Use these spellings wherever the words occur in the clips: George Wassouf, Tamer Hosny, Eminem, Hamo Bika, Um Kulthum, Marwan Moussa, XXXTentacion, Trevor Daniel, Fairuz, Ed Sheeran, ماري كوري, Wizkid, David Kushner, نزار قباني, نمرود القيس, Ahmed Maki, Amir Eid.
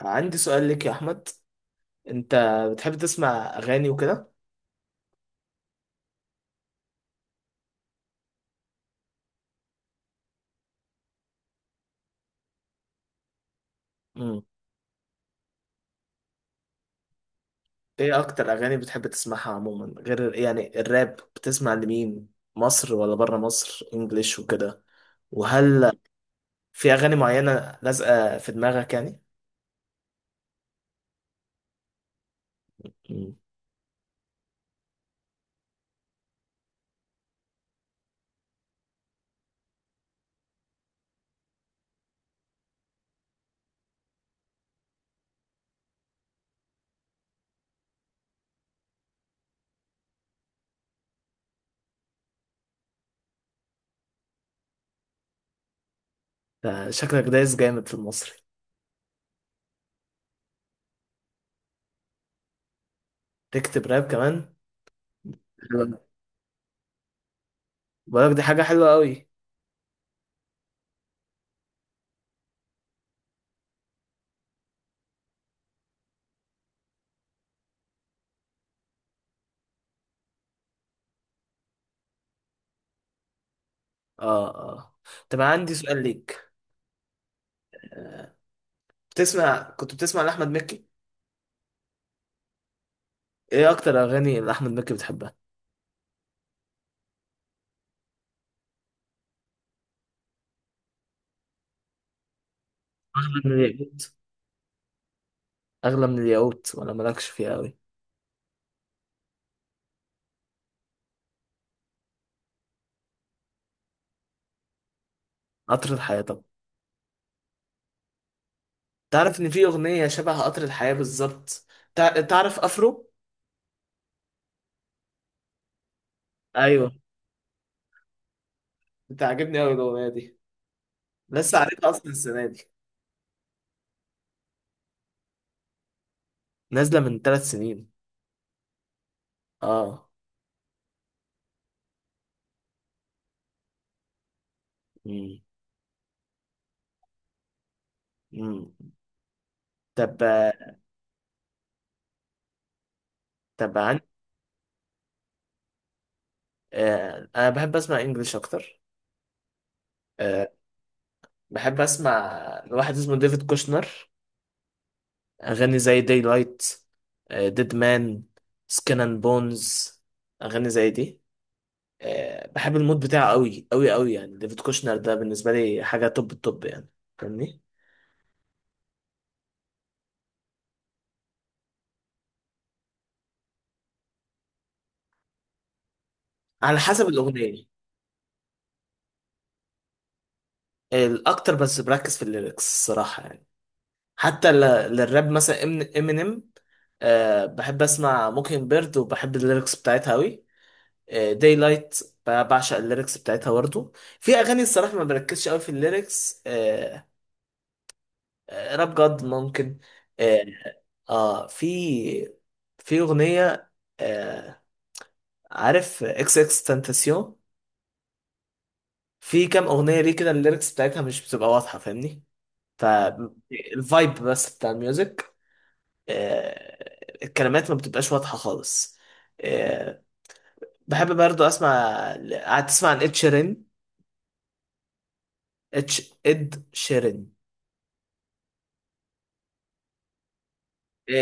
عندي سؤال ليك يا احمد. انت بتحب تسمع اغاني وكده؟ امم ايه اكتر اغاني بتحب تسمعها عموما، غير يعني الراب؟ بتسمع لمين؟ مصر ولا بره مصر، انجليش وكده؟ وهل في اغاني معينة لازقة في دماغك يعني؟ امم ده شكلك دايس جامد في المصري. تكتب راب كمان؟ حلو. بقولك دي حاجة حلوة قوي. اه اه. طب أنا عندي سؤال ليك. آه، بتسمع، كنت بتسمع لاحمد مكي؟ ايه اكتر اغاني اللي احمد مكي بتحبها؟ أحمد مكي. اغلى من الياقوت، ولا مالكش فيها قوي؟ قطر الحياة طب. تعرف ان في اغنية شبه قطر الحياة بالظبط؟ تعرف افرو؟ ايوه، بتعجبني قوي الاغنية دي، لسه عارفها اصلا السنة دي. نازلة من ثلاث سنين. اه. مم. مم. طب، عن، آه. انا بحب اسمع انجلش اكتر. آه. بحب اسمع لواحد اسمه ديفيد كوشنر، اغاني زي داي لايت، ديد مان، سكن اند بونز، اغاني زي دي. آه، بحب المود بتاعه قوي قوي قوي، يعني ديفيد كوشنر ده بالنسبه لي حاجه توب التوب يعني، فاهمني؟ على حسب الاغنيه. الاكتر بس بركز في الليركس الصراحه يعني. حتى ل- للراب مثلا، امينيم، أه بحب اسمع موكينج بيرد وبحب الليركس بتاعتها قوي. داي لايت بعشق الليركس بتاعتها برضه. في اغاني الصراحه ما بركزش قوي في الليركس، أه. راب جاد ممكن. اه, آه. في اغنيه، آه، عارف اكس اكس تنتاسيون؟ في كام اغنيه ليه كده الليركس بتاعتها مش بتبقى واضحه، فاهمني؟ فالفايب بس بتاع الميوزك. آه، الكلمات ما بتبقاش واضحه خالص. آه، بحب برضو اسمع، قاعد تسمع عن اد شيرين؟ اتش اد شيرين.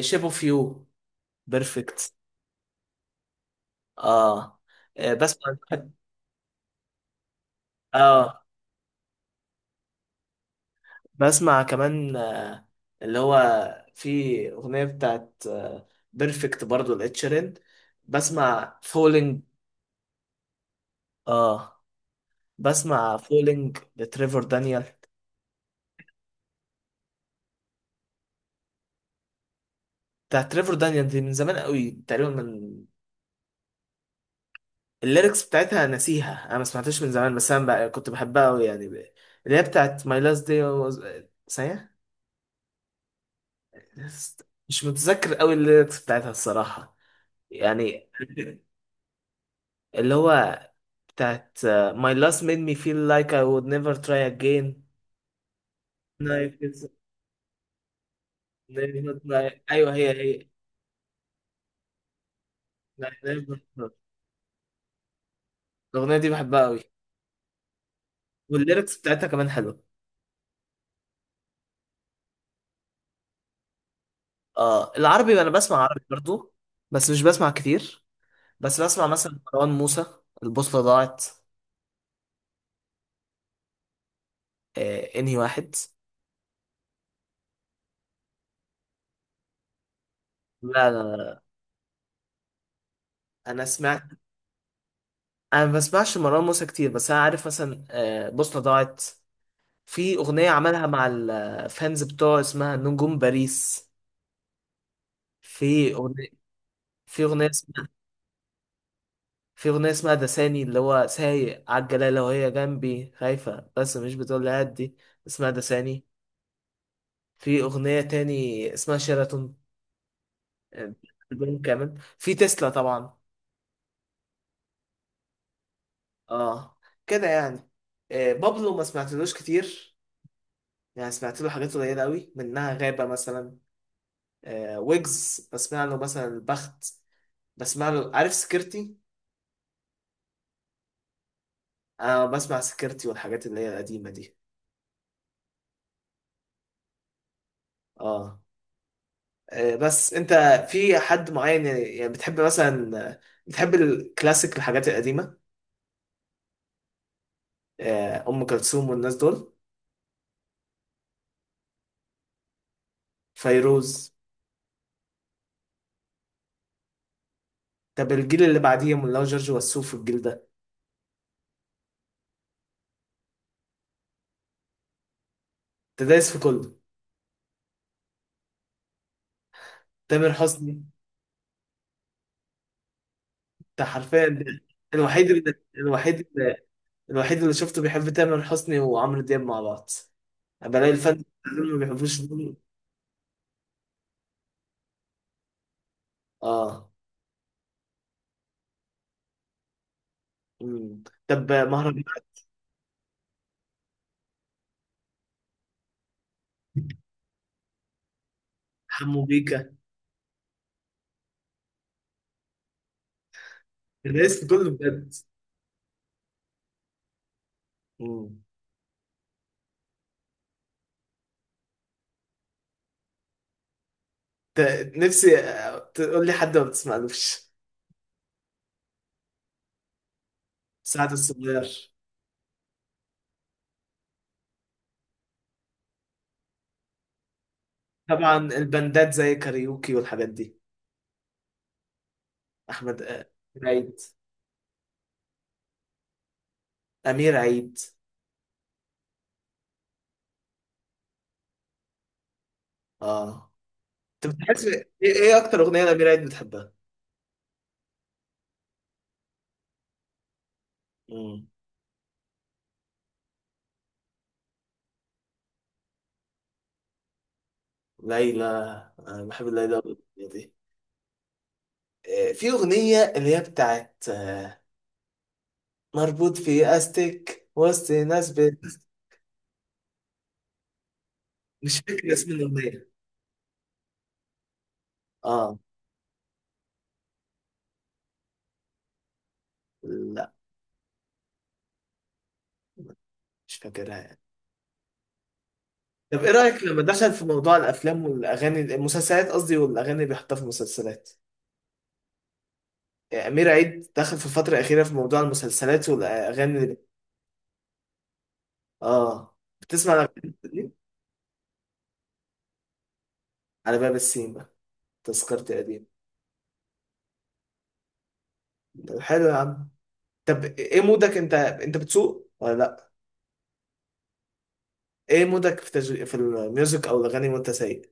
شيب اوف يو، بيرفكت. اه. آه، بسمع. اه بسمع كمان. آه، اللي هو في أغنية بتاعت بيرفكت برضو لإتشيرين. بسمع فولينج. اه بسمع فولينج لتريفر دانيال. بتاعت تريفر دانيال دي من زمان قوي تقريبا، من. الليركس بتاعتها ناسيها، انا ما سمعتهاش من زمان، بس انا بقى كنت بحبها قوي يعني، ب-، اللي هي بتاعت ماي لاست دي was... ثانية. مش متذكر قوي الليركس بتاعتها الصراحة، يعني، اللي هو بتاعت آه، My last made me feel like I would never try again. Life is never not like، أيوه هي هي. Like never not. الأغنية دي بحبها أوي. والليركس بتاعتها كمان حلوة. آه العربي، أنا بسمع عربي برضو، بس مش بسمع كتير. بس بسمع مثلا مروان موسى، البوصلة ضاعت. آه إنهي واحد؟ لا لا لا. أنا سمعت. أنا ما بسمعش مروان موسى كتير، بس أنا عارف مثلا آه بوصلة ضاعت. في أغنية عملها مع الفانز بتوعه اسمها نجوم باريس. في أغنية في أغنية اسمها في أغنية اسمها ده ثاني، اللي هو سايق على الجلالة وهي جنبي خايفة بس مش بتقول لي هدي. اسمها ده ثاني. في أغنية تاني اسمها شيراتون. آه، ألبوم كامل في تسلا طبعا. اه كده يعني. آه بابلو ما سمعتلوش كتير، يعني سمعت له حاجات قليلة قوي، منها غابة مثلا. آه ويجز بسمع له مثلا البخت، بسمع له عارف سكرتي. أنا بسمع سكرتي والحاجات اللي هي القديمة دي. اه. آه، بس انت في حد معين يعني، يعني بتحب مثلا آه، بتحب الكلاسيك الحاجات القديمة؟ آه، ام كلثوم والناس دول. فيروز. طب الجيل اللي بعديهم، اللي هو جورج وسوف والجيل ده؟ انت دايس في كله. تامر حسني. انت حرفيا الوحيد اللي الوحيد اللي الوحيد اللي شفته بيحب تامر حسني وعمرو دياب مع بعض. بلاقي الفن دول ما بيحبوش دول. اه. مم. طب مهرجانات؟ حمو بيكا. انت دايس في كله بجد. مم. ت- نفسي آه، تقول لي حد ما بتسمعلوش. سعد الصغير. طبعا البندات، زي كاريوكي والحاجات دي. احمد آه، أمير عيد. امير عيد. اه. انت بتحس ايه، إيه اكتر اغنيه لامير عيد بتحبها؟ مم. ليلى. انا بحب ليلى الأغنية دي. آه، في اغنيه اللي هي بتاعت آه، مربوط في استك وسط ناس مش فاكر اسم الاغنيه. اه. لا، مش فاكرها. طب ايه رأيك لما دخل في موضوع الافلام والاغاني، المسلسلات قصدي، والاغاني اللي بيحطها في المسلسلات؟ يعني امير عيد دخل في الفترة الأخيرة في موضوع المسلسلات والاغاني اللي. اه بتسمع الاغاني دي؟ على باب السيما، تذكرتي قديم. طب حلو يا عم. طب ايه مودك انت، انت بتسوق ولا لا؟ ايه مودك في في الميوزك او الاغاني وانت سايق؟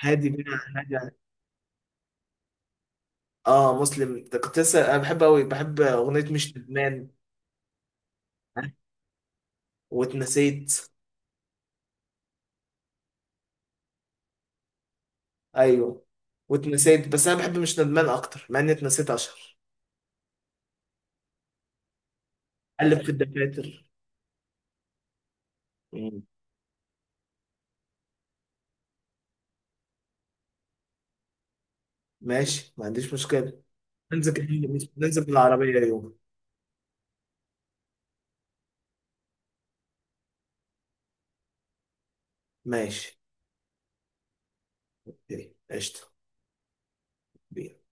هادي بقى؟ هادي. اه مسلم ده كنت لسه انا بحب قوي، بحب اغنية مش ندمان، واتنسيت. ايوه واتنسيت، بس انا بحب مش ندمان اكتر، مع اني اتنسيت اشهر. قلب في الدفاتر. مم. ماشي، ما عنديش مشكله. ننزل بالعربيه يوم. ماشي. اوكي. قشطه. بينا.